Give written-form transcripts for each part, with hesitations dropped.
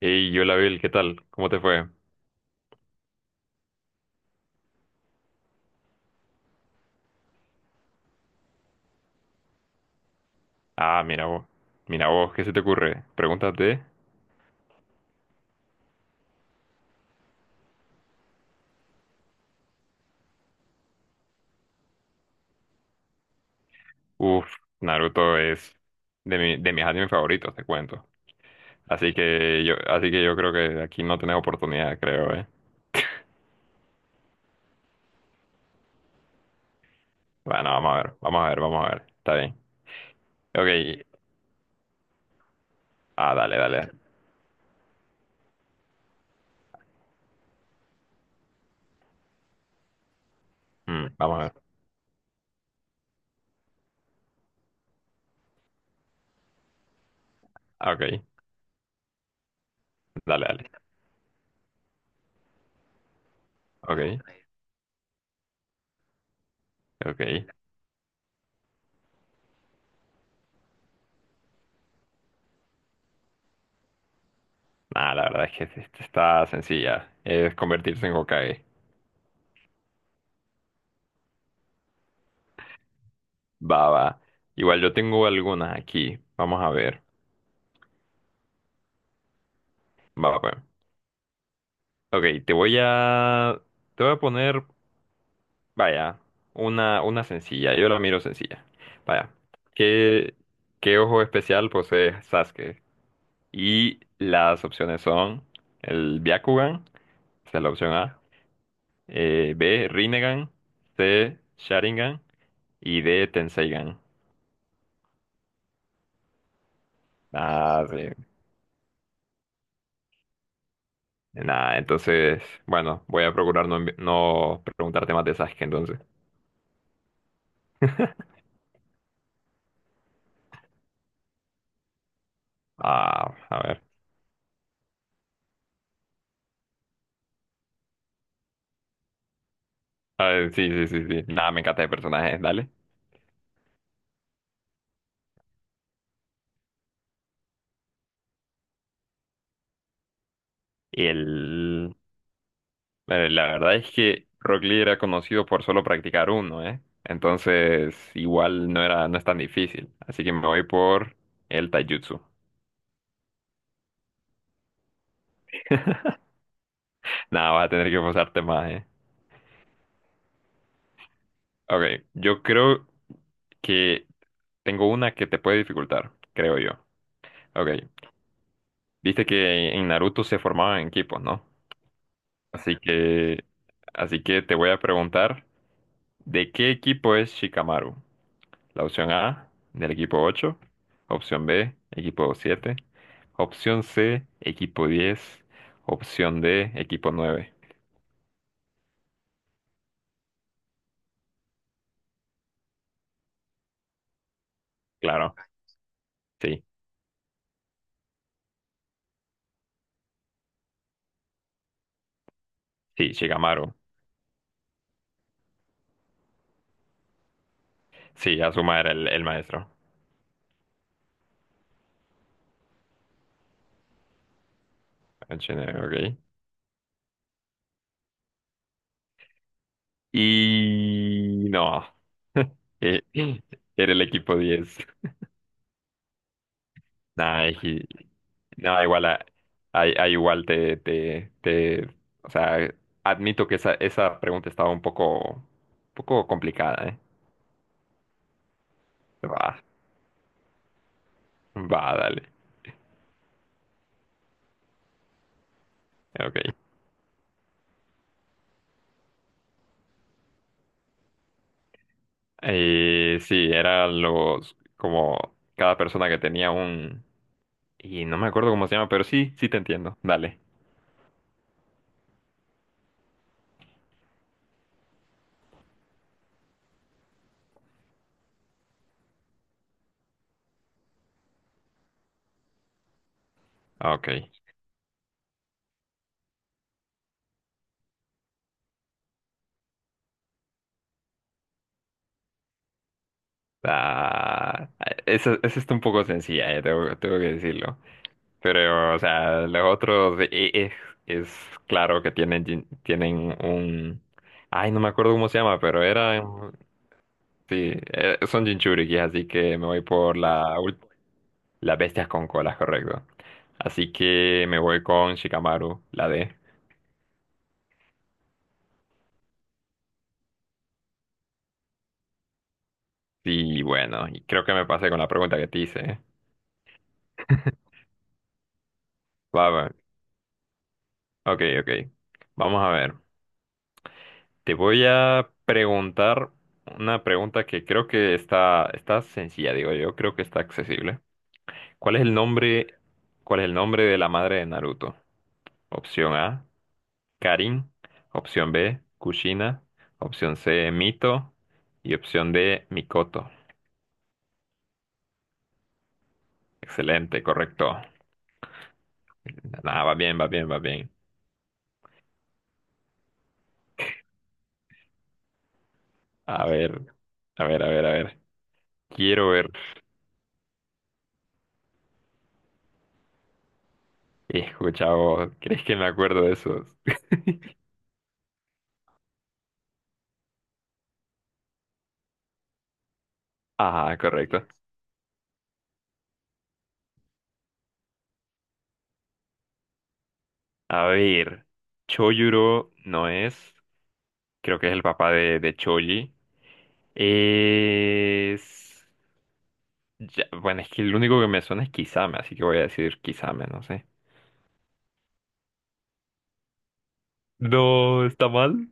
Y yo la vi, ¿qué tal? ¿Cómo te fue? Ah, mira vos, ¿qué se te ocurre? Pregúntate. Uf, Naruto es de mis animes favoritos, te cuento. Así que yo creo que aquí no tenés oportunidad, creo, ¿eh? Bueno, vamos a ver, vamos a ver, vamos a ver. Está bien. Ok. Ah, dale, dale. Mm, vamos a ver. Ah, ok. Dale, dale. Ok, ok. Nah, la verdad es que sí, esta está sencilla. Es convertirse en Hokage. Va, va. Igual yo tengo algunas aquí. Vamos a ver. Va, pues. Ok, te voy a poner, vaya, una sencilla. Yo la miro sencilla. Vaya. ¿Qué, qué ojo especial posee Sasuke? Y las opciones son el Byakugan, esa es la opción A. B, Rinnegan. C, Sharingan. Y D, Tenseigan. Ah, sí. Nada, entonces, bueno, voy a procurar no preguntarte más de Sasuke entonces. Ah, a ver. A ver, sí, sí, sí, sí. Nada, me encanta de personajes, dale. Y él, la verdad es que Rock Lee era conocido por solo practicar uno, ¿eh? Entonces, igual no era, no es tan difícil. Así que me voy por el taijutsu. Nada, vas a tener que forzarte más, ¿eh? Ok, yo creo que tengo una que te puede dificultar, creo yo. Ok, viste que en Naruto se formaban en equipos, ¿no? Así que, así que te voy a preguntar, ¿de qué equipo es Shikamaru? La opción A, del equipo ocho. Opción B, equipo siete. Opción C, equipo diez. Opción D, equipo nueve. Claro, sí, sí, Shikamaru. Sí, Azuma era el maestro. El Shinigami, ok. Y no. Eh, Era el equipo diez. Nah, no, igual, ahí igual o sea, admito que esa pregunta estaba un poco complicada, ¿eh? Va, dale. Ok. Sí, eran los, como cada persona que tenía un... Y no me acuerdo cómo se llama, pero sí, sí te entiendo. Dale. Ok. Ah, esa está un poco sencilla, tengo que decirlo. Pero, o sea, los otros es, claro que tienen un... Ay, no me acuerdo cómo se llama, pero era... Sí, son Jinchuriki, así que me voy por las bestias con colas, correcto. Así que me voy con Shikamaru, la D. Y bueno, creo que me pasé con la pregunta que te hice, ¿eh? Va, va. Ok, ok. Vamos a ver. Te voy a preguntar una pregunta que creo que está sencilla, digo yo. Creo que está accesible. ¿Cuál es el nombre, cuál es el nombre de la madre de Naruto? Opción A, Karin. Opción B, Kushina. Opción C, Mito. Y opción D, Mikoto. Excelente, correcto. Nada, va bien, va bien, va bien. A ver, a ver, a ver, a ver. Quiero ver. Hijo, chavo, ¿crees que me acuerdo de esos? Ah, correcto. A ver, Choyuro no es, creo que es el papá de Choji. Es... ya, bueno, es que el único que me suena es Kisame, así que voy a decir Kisame, no sé. No, está mal.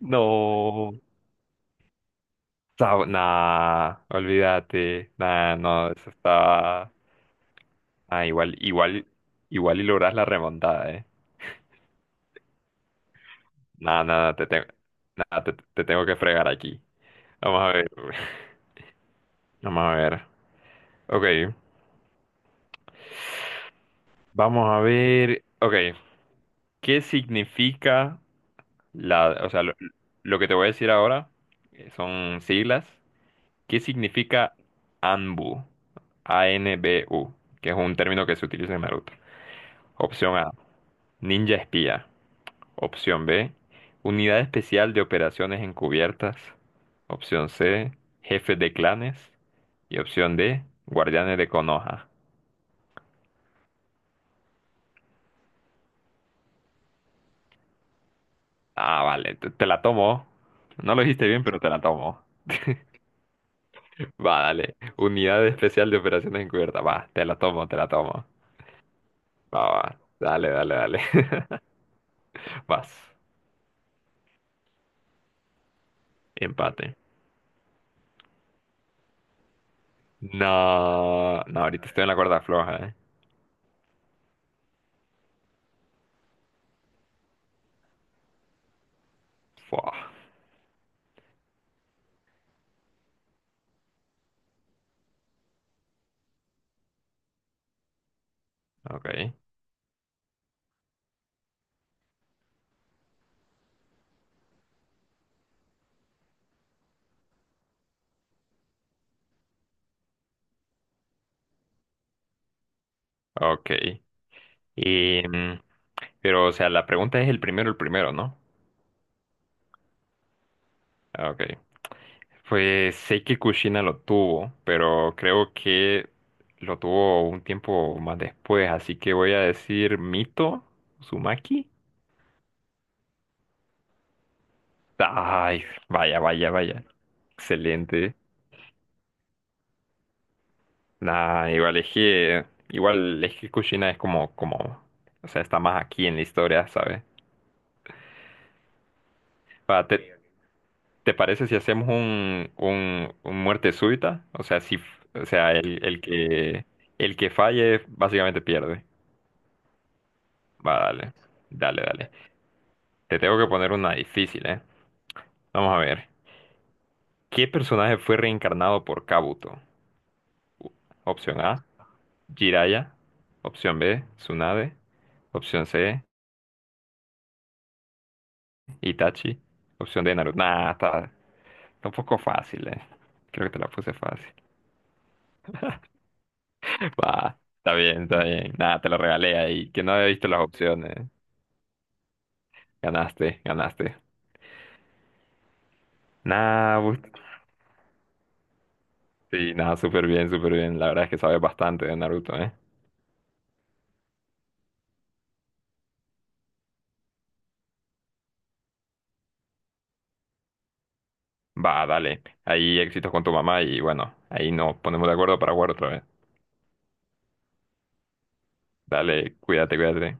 No, nah, olvídate, nah, no, eso estaba, ah, igual, igual, igual y logras la remontada, nah, nada, te tengo, nah, te tengo que fregar aquí, vamos a ver, vamos a ver, ok, vamos a ver, ok, ¿qué significa o sea, lo que te voy a decir ahora, son siglas, ¿qué significa ANBU? ANBU, que es un término que se utiliza en Naruto. Opción A, ninja espía. Opción B, unidad especial de operaciones encubiertas. Opción C, jefe de clanes. Y opción D, guardianes de Konoha. Ah, vale, te la tomo. No lo dijiste bien, pero te la tomo. Va, dale. Unidad especial de operaciones encubiertas. Va, te la tomo, te la tomo. Va, va. Dale, dale, dale. Vas. Empate. No, no, ahorita estoy en la cuerda floja, ¿eh? Fua. Ok, ok. Y, pero, o sea, la pregunta es el primero, ¿no? Ah, ok. Pues sé que Kushina lo tuvo, pero creo que lo tuvo un tiempo más después, así que voy a decir Mito Uzumaki. Ay, vaya, vaya, vaya. Excelente. Nah, igual es que Kushina es como, o sea, está más aquí en la historia, ¿sabes? Va, ¿te parece si hacemos un muerte súbita? O sea, si, o sea, el que falle básicamente pierde. Va, dale, dale, dale. Te tengo que poner una difícil, ¿eh? Vamos a ver. ¿Qué personaje fue reencarnado por Kabuto? Opción A, Jiraiya. Opción B, Tsunade. Opción C, Itachi. Opción D, Naruto. Nah, está un poco fácil, ¿eh? Creo que te la puse fácil. Va, está bien, está bien. Nada, te lo regalé ahí, que no había visto las opciones. Ganaste, ganaste. Nada, sí, nada, súper bien, súper bien. La verdad es que sabes bastante de Naruto, ¿eh? Va, dale. Ahí éxitos con tu mamá y bueno, ahí nos ponemos de acuerdo para jugar otra vez. Dale, cuídate, cuídate.